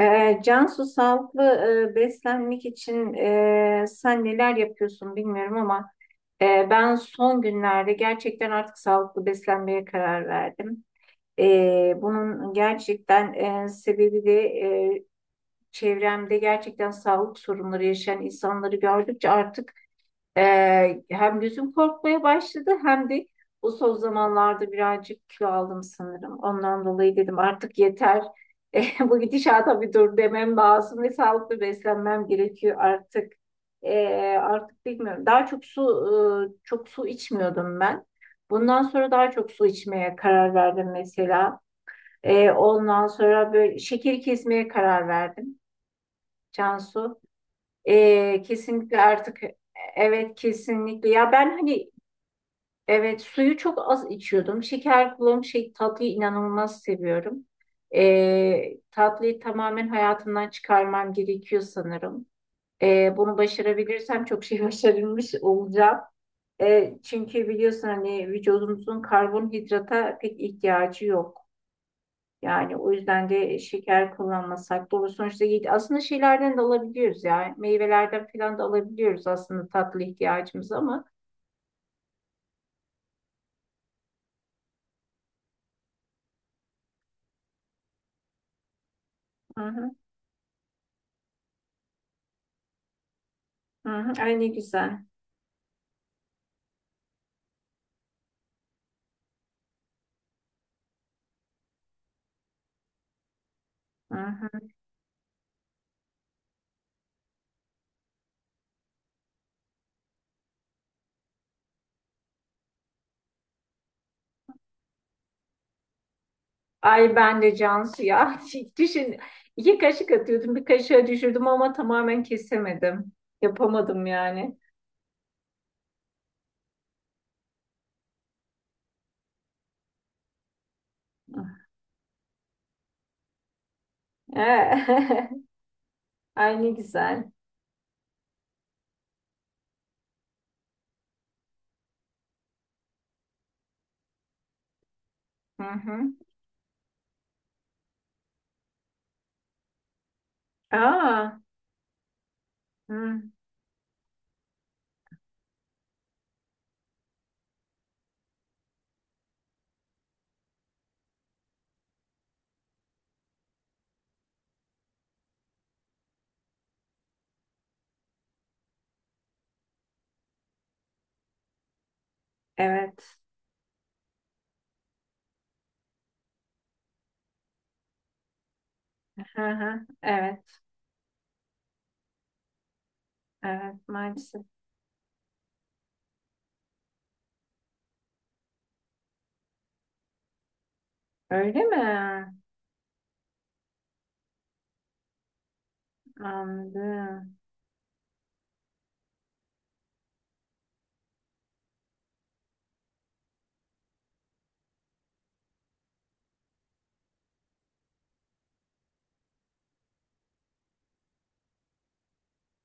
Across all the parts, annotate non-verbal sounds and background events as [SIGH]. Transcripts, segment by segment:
Cansu, sağlıklı beslenmek için sen neler yapıyorsun bilmiyorum ama ben son günlerde gerçekten artık sağlıklı beslenmeye karar verdim. Bunun gerçekten sebebi de çevremde gerçekten sağlık sorunları yaşayan insanları gördükçe artık hem gözüm korkmaya başladı hem de bu son zamanlarda birazcık kilo aldım sanırım. Ondan dolayı dedim artık yeter. [LAUGHS] Bu gidişata bir dur demem lazım ve sağlıklı beslenmem gerekiyor artık. Artık bilmiyorum. Daha çok su çok su içmiyordum ben. Bundan sonra daha çok su içmeye karar verdim mesela. Ondan sonra böyle şekeri kesmeye karar verdim. Cansu. Kesinlikle artık evet, kesinlikle ya, ben hani evet, suyu çok az içiyordum, şeker kullanıp şey, tatlıyı inanılmaz seviyorum. Tatlıyı tamamen hayatımdan çıkarmam gerekiyor sanırım. Bunu başarabilirsem çok şey [LAUGHS] başarılmış olacağım. Çünkü biliyorsun hani vücudumuzun karbonhidrata pek ihtiyacı yok, yani o yüzden de şeker kullanmasak doğru, sonuçta iyi. Aslında şeylerden de alabiliyoruz ya. Meyvelerden falan da alabiliyoruz aslında tatlı ihtiyacımız ama. Hı hı, hı hı. Ay ne güzel. Hı hı. Ay ben de Cansu ya. [LAUGHS] Düşün, iki kaşık atıyordum, bir kaşığa düşürdüm ama tamamen kesemedim. Yapamadım yani. Eh. [LAUGHS] Ay ne güzel. Hı hı. Aa, hı. Evet. Hı hı. Evet. Evet maalesef. Öyle mi? Anladım.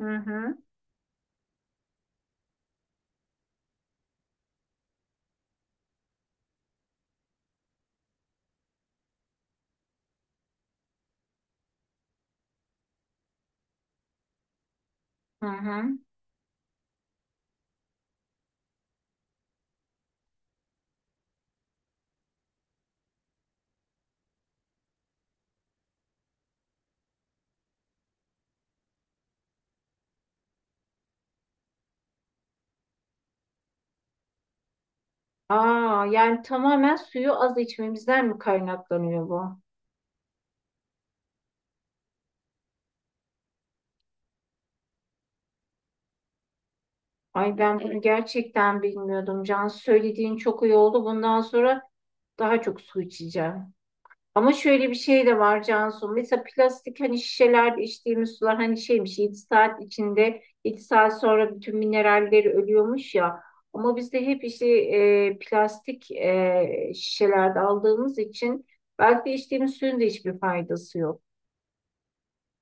Hı hı. Hı hı. Aa, yani tamamen suyu az içmemizden mi kaynaklanıyor bu? Ay ben bunu gerçekten bilmiyordum. Can, söylediğin çok iyi oldu. Bundan sonra daha çok su içeceğim. Ama şöyle bir şey de var Cansu. Mesela plastik hani şişelerde içtiğimiz sular hani şeymiş, 7 saat içinde, 7 saat sonra bütün mineralleri ölüyormuş ya. Ama biz de hep işte plastik şişelerde aldığımız için belki de içtiğimiz suyun da hiçbir faydası yok.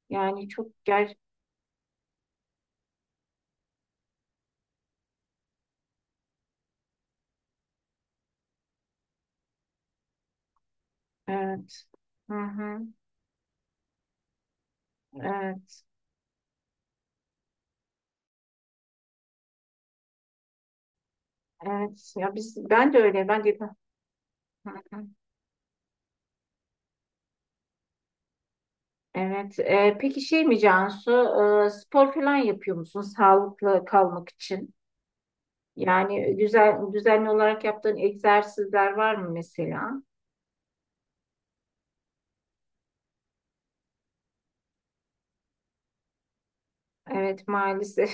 Yani çok ger evet. Hı hı. Evet. Evet. Ya biz, ben de öyle. Ben de hı hı. Evet. E, peki şey mi Cansu? E, spor falan yapıyor musun sağlıklı kalmak için? Yani güzel, düzenli olarak yaptığın egzersizler var mı mesela? Evet maalesef.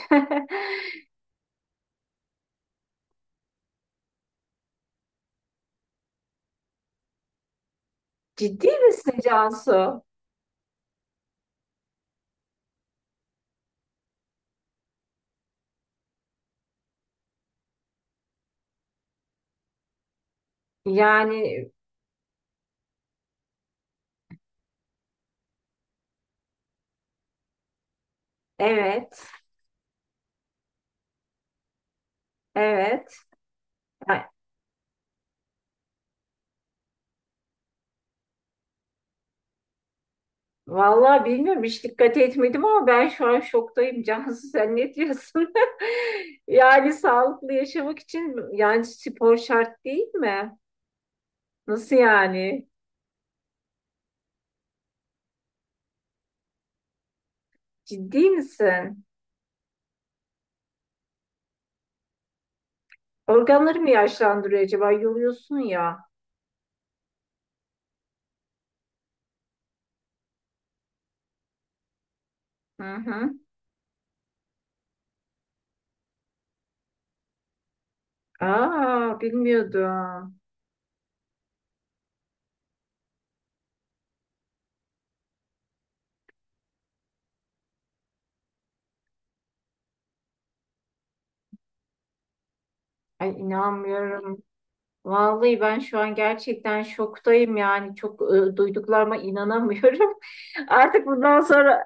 [LAUGHS] Ciddi misin Cansu? Yani evet, evet. Ha, vallahi bilmiyorum, hiç dikkat etmedim ama ben şu an şoktayım Cansu, sen ne diyorsun? [LAUGHS] Yani sağlıklı yaşamak için yani spor şart değil mi? Nasıl yani? Ciddi misin? Organları mı yaşlandırıyor acaba? Yoruyorsun ya. Hı hı. Aa, bilmiyordum. Ay inanmıyorum. Vallahi ben şu an gerçekten şoktayım, yani çok duyduklarıma inanamıyorum. [LAUGHS] Artık bundan sonra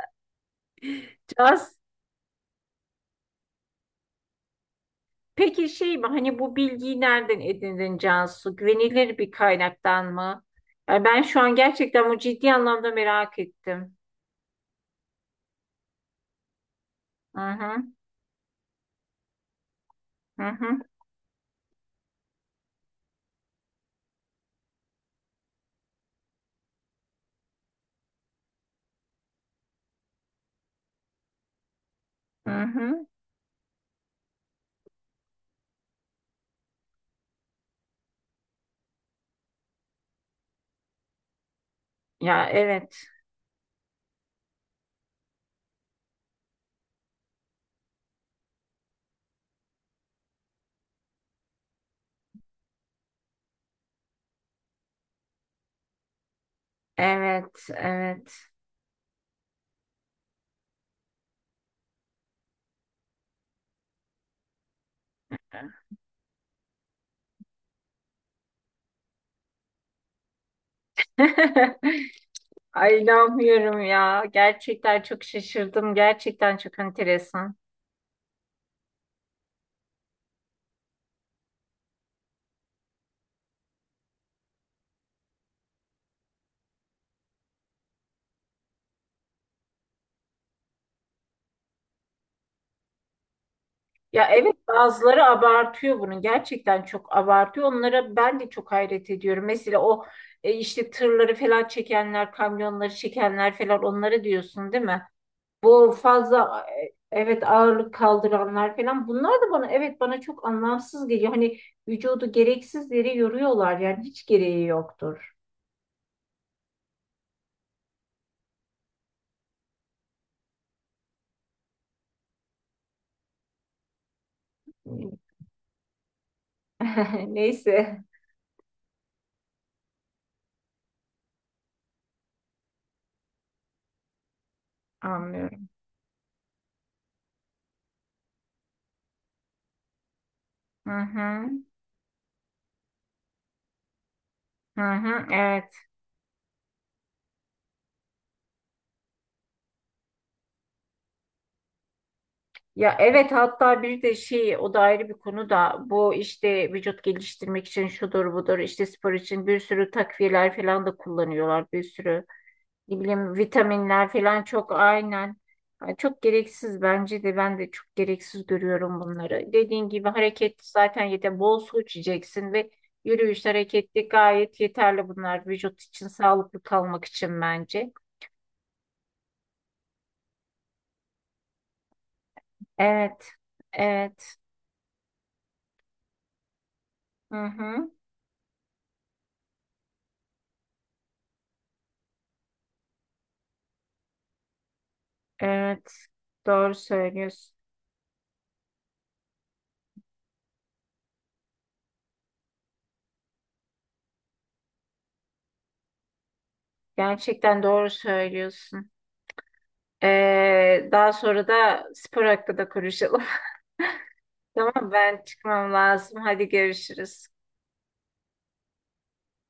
Cansu, peki şey mi, hani bu bilgiyi nereden edindin Cansu? Güvenilir bir kaynaktan mı? Yani ben şu an gerçekten bu ciddi anlamda merak ettim. Hı hı, hı hı, hı hı. Ya evet, evet, evet. [LAUGHS] Ay inanmıyorum ya. Gerçekten çok şaşırdım. Gerçekten çok enteresan. Ya evet, bazıları abartıyor bunu. Gerçekten çok abartıyor. Onlara ben de çok hayret ediyorum. Mesela o işte tırları falan çekenler, kamyonları çekenler falan, onlara diyorsun değil mi? Bu fazla evet, ağırlık kaldıranlar falan. Bunlar da bana, evet, bana çok anlamsız geliyor. Hani vücudu gereksiz yere yoruyorlar. Yani hiç gereği yoktur. [LAUGHS] Neyse, anlıyorum. Hı hı. Hı hı, evet. Ya evet, hatta bir de şey, o da ayrı bir konu da, bu işte vücut geliştirmek için şudur budur işte spor için bir sürü takviyeler falan da kullanıyorlar, bir sürü ne bileyim vitaminler falan, çok aynen. Yani çok gereksiz, bence de ben de çok gereksiz görüyorum bunları. Dediğin gibi hareket zaten yeter, bol su içeceksin ve yürüyüş, hareketli, gayet yeterli bunlar vücut için, sağlıklı kalmak için bence. Evet, evet. Hı hı. Evet, doğru söylüyorsun. Gerçekten doğru söylüyorsun. Daha sonra da spor hakkında konuşalım. [LAUGHS] Tamam, ben çıkmam lazım. Hadi görüşürüz.